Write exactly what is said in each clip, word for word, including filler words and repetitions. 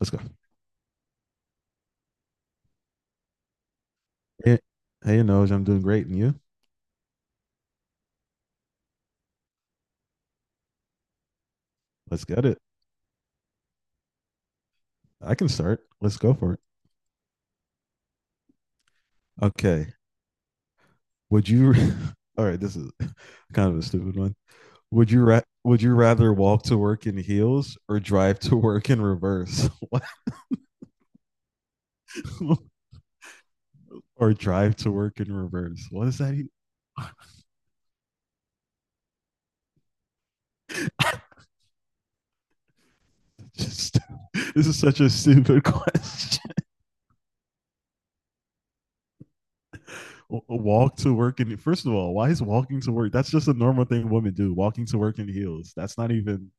Let's go. Hey, hey, Noj, I'm doing great. And you? Let's get it. I can start. Let's go for it. Okay. Would you? All right. This is kind of a stupid one. Would you ra- Would you rather walk to work in heels or drive to work in reverse? Or drive to work in reverse? What is that? e- Just this is such a stupid question. Walk to work in. First of all, why is walking to work? That's just a normal thing women do. Walking to work in heels. That's not even.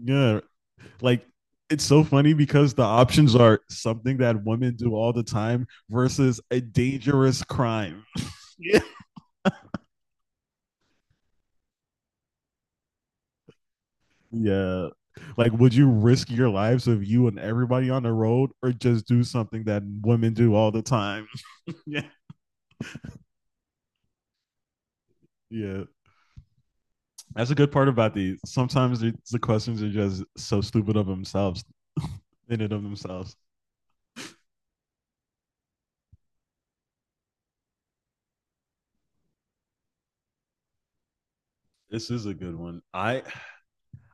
Yeah, like it's so funny because the options are something that women do all the time versus a dangerous crime. Yeah. Like, would you risk your lives of you and everybody on the road or just do something that women do all the time? Yeah. Yeah. That's a good part about these. Sometimes the, questions are just so stupid of themselves, in and of themselves. This is a good one. I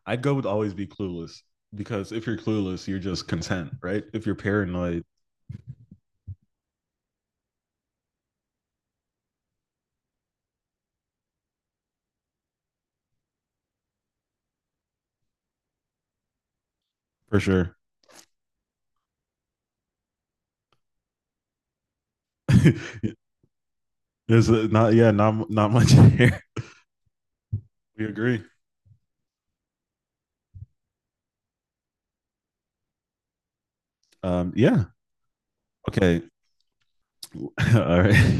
I'd go with always be clueless because if you're clueless, you're just content, right? If you're paranoid, for sure. There's uh, not yeah, not not much here. We agree. Um, yeah. Okay. All right.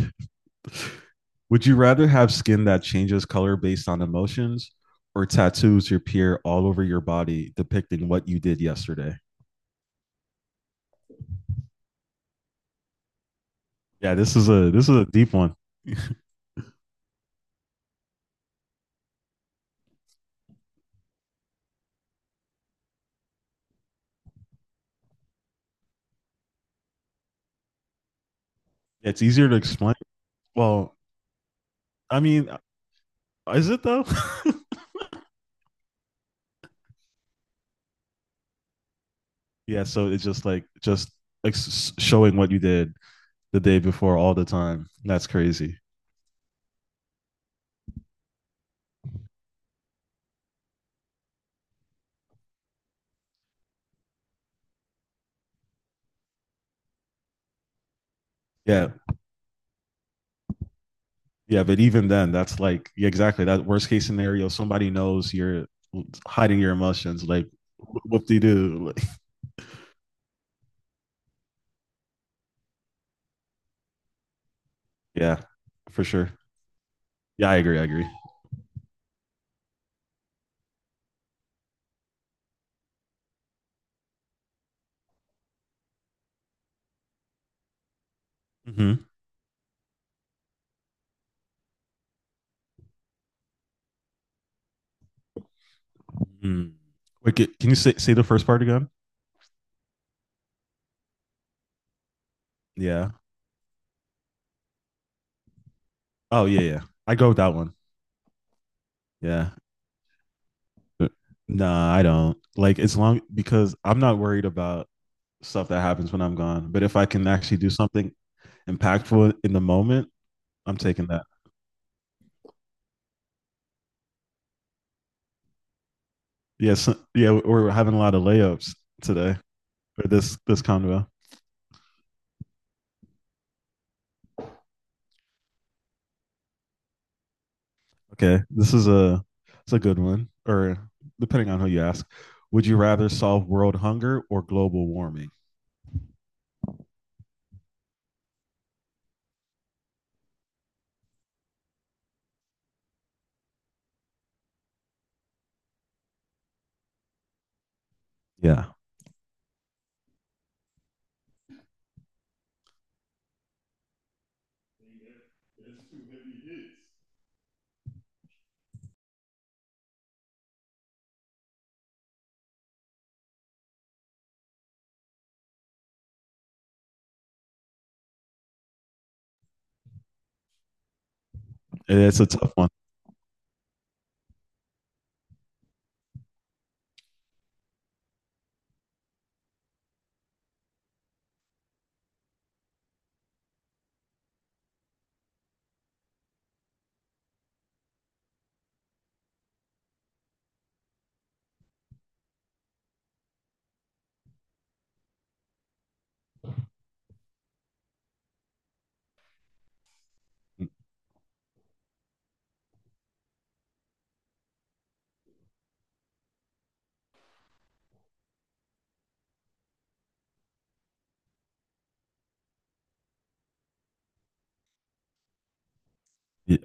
Would you rather have skin that changes color based on emotions or tattoos your peer all over your body depicting what you did yesterday? Yeah, this is a this is a deep one. It's easier to explain. Well, I mean, is it though? Yeah, so it's just like just ex- showing what you did the day before all the time. That's crazy. Yeah. Yeah. But even then, that's like, yeah, exactly. That worst case scenario, somebody knows you're hiding your emotions. Like, whoop de doo. Like, yeah, for sure. Yeah, I agree. I agree. Mm-hmm. Mm. Wait, ca- can you say, say the first part again? Yeah. Oh, yeah. Yeah. I go with that one. Yeah. Nah, I don't. Like, it's long because I'm not worried about stuff that happens when I'm gone. But if I can actually do something impactful in the moment, I'm taking that. Yes, yeah, we're having a lot of layups today for this this convo. Okay, this is a it's a good one, or depending on who you ask. Would you rather solve world hunger or global warming? Yeah, it's a tough one.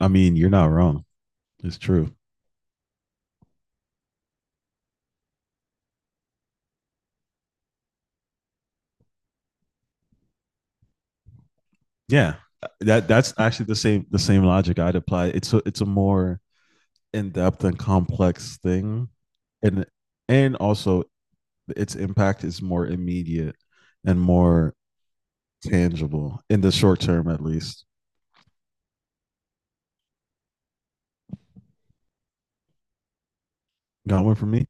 I mean, you're not wrong. It's true. Yeah, that that's actually the same the same logic I'd apply. It's a, it's a more in depth and complex thing, and and also its impact is more immediate and more tangible in the short term, at least. Got one for me?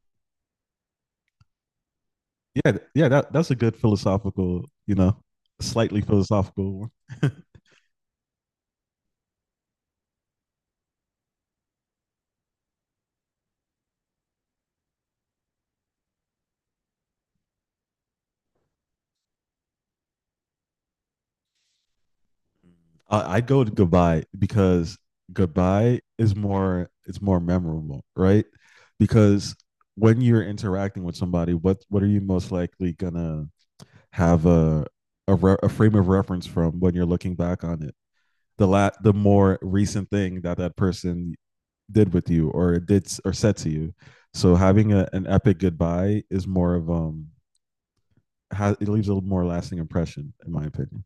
Yeah, yeah. That that's a good philosophical, you know, slightly philosophical one. I, I'd go to goodbye because goodbye is more it's more memorable, right? Because when you're interacting with somebody, what what are you most likely gonna have a a, re- a frame of reference from when you're looking back on it. The la- the more recent thing that that person did with you or did or said to you. So having a, an epic goodbye is more of um ha- it leaves a more lasting impression in my opinion.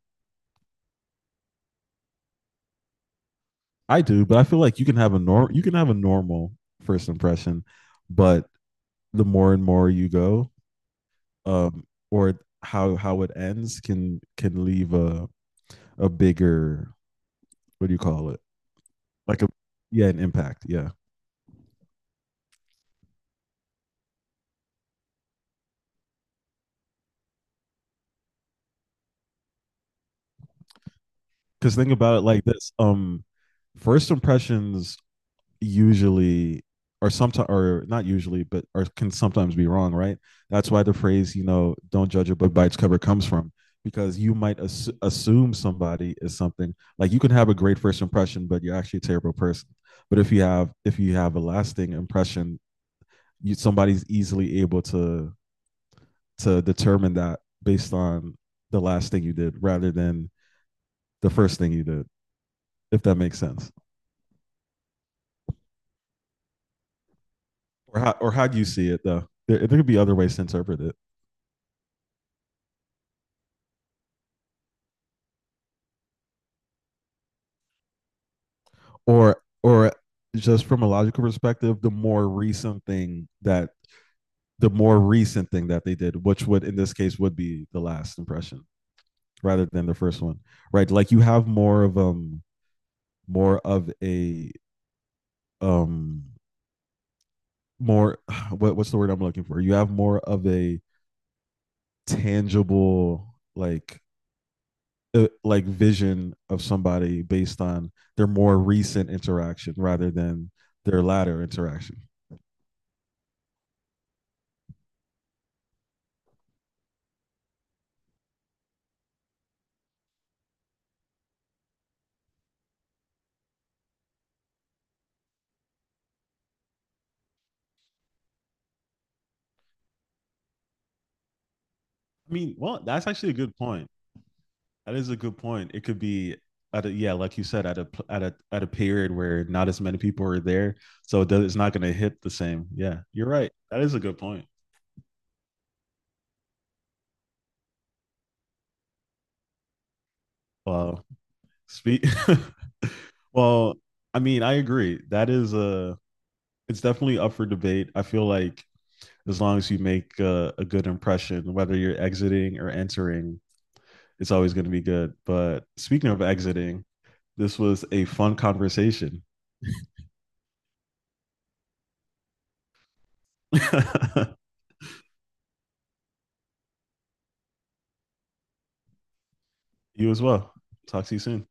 I do, but I feel like you can have a norm you can have a normal first impression, but the more and more you go, um, or how how it ends can can leave a a bigger what do you call it like a yeah an impact yeah because think about it like this um First impressions usually or sometimes or not usually but or can sometimes be wrong right that's why the phrase you know don't judge a book by its cover comes from because you might ass- assume somebody is something like you can have a great first impression but you're actually a terrible person but if you have if you have a lasting impression you, somebody's easily able to to determine that based on the last thing you did rather than the first thing you did, if that makes sense. Or how or how do you see it though? There, there could be other ways to interpret it. Or or just from a logical perspective, the more recent thing that the more recent thing that they did, which would in this case would be the last impression rather than the first one. Right. Like you have more of um more of a um more what, what's the word I'm looking for? You have more of a tangible like uh, like vision of somebody based on their more recent interaction rather than their latter interaction. I mean, well, that's actually a good point. That is a good point. It could be at a, yeah, like you said, at a at a at a period where not as many people are there, so it does, it's not going to hit the same. Yeah, you're right. That is a good point. Well, speak. Well, I mean, I agree. That is a. It's definitely up for debate. I feel like as long as you make a, a good impression, whether you're exiting or entering, it's always going to be good. But speaking of exiting, this was a fun conversation. You as well. Talk to you soon.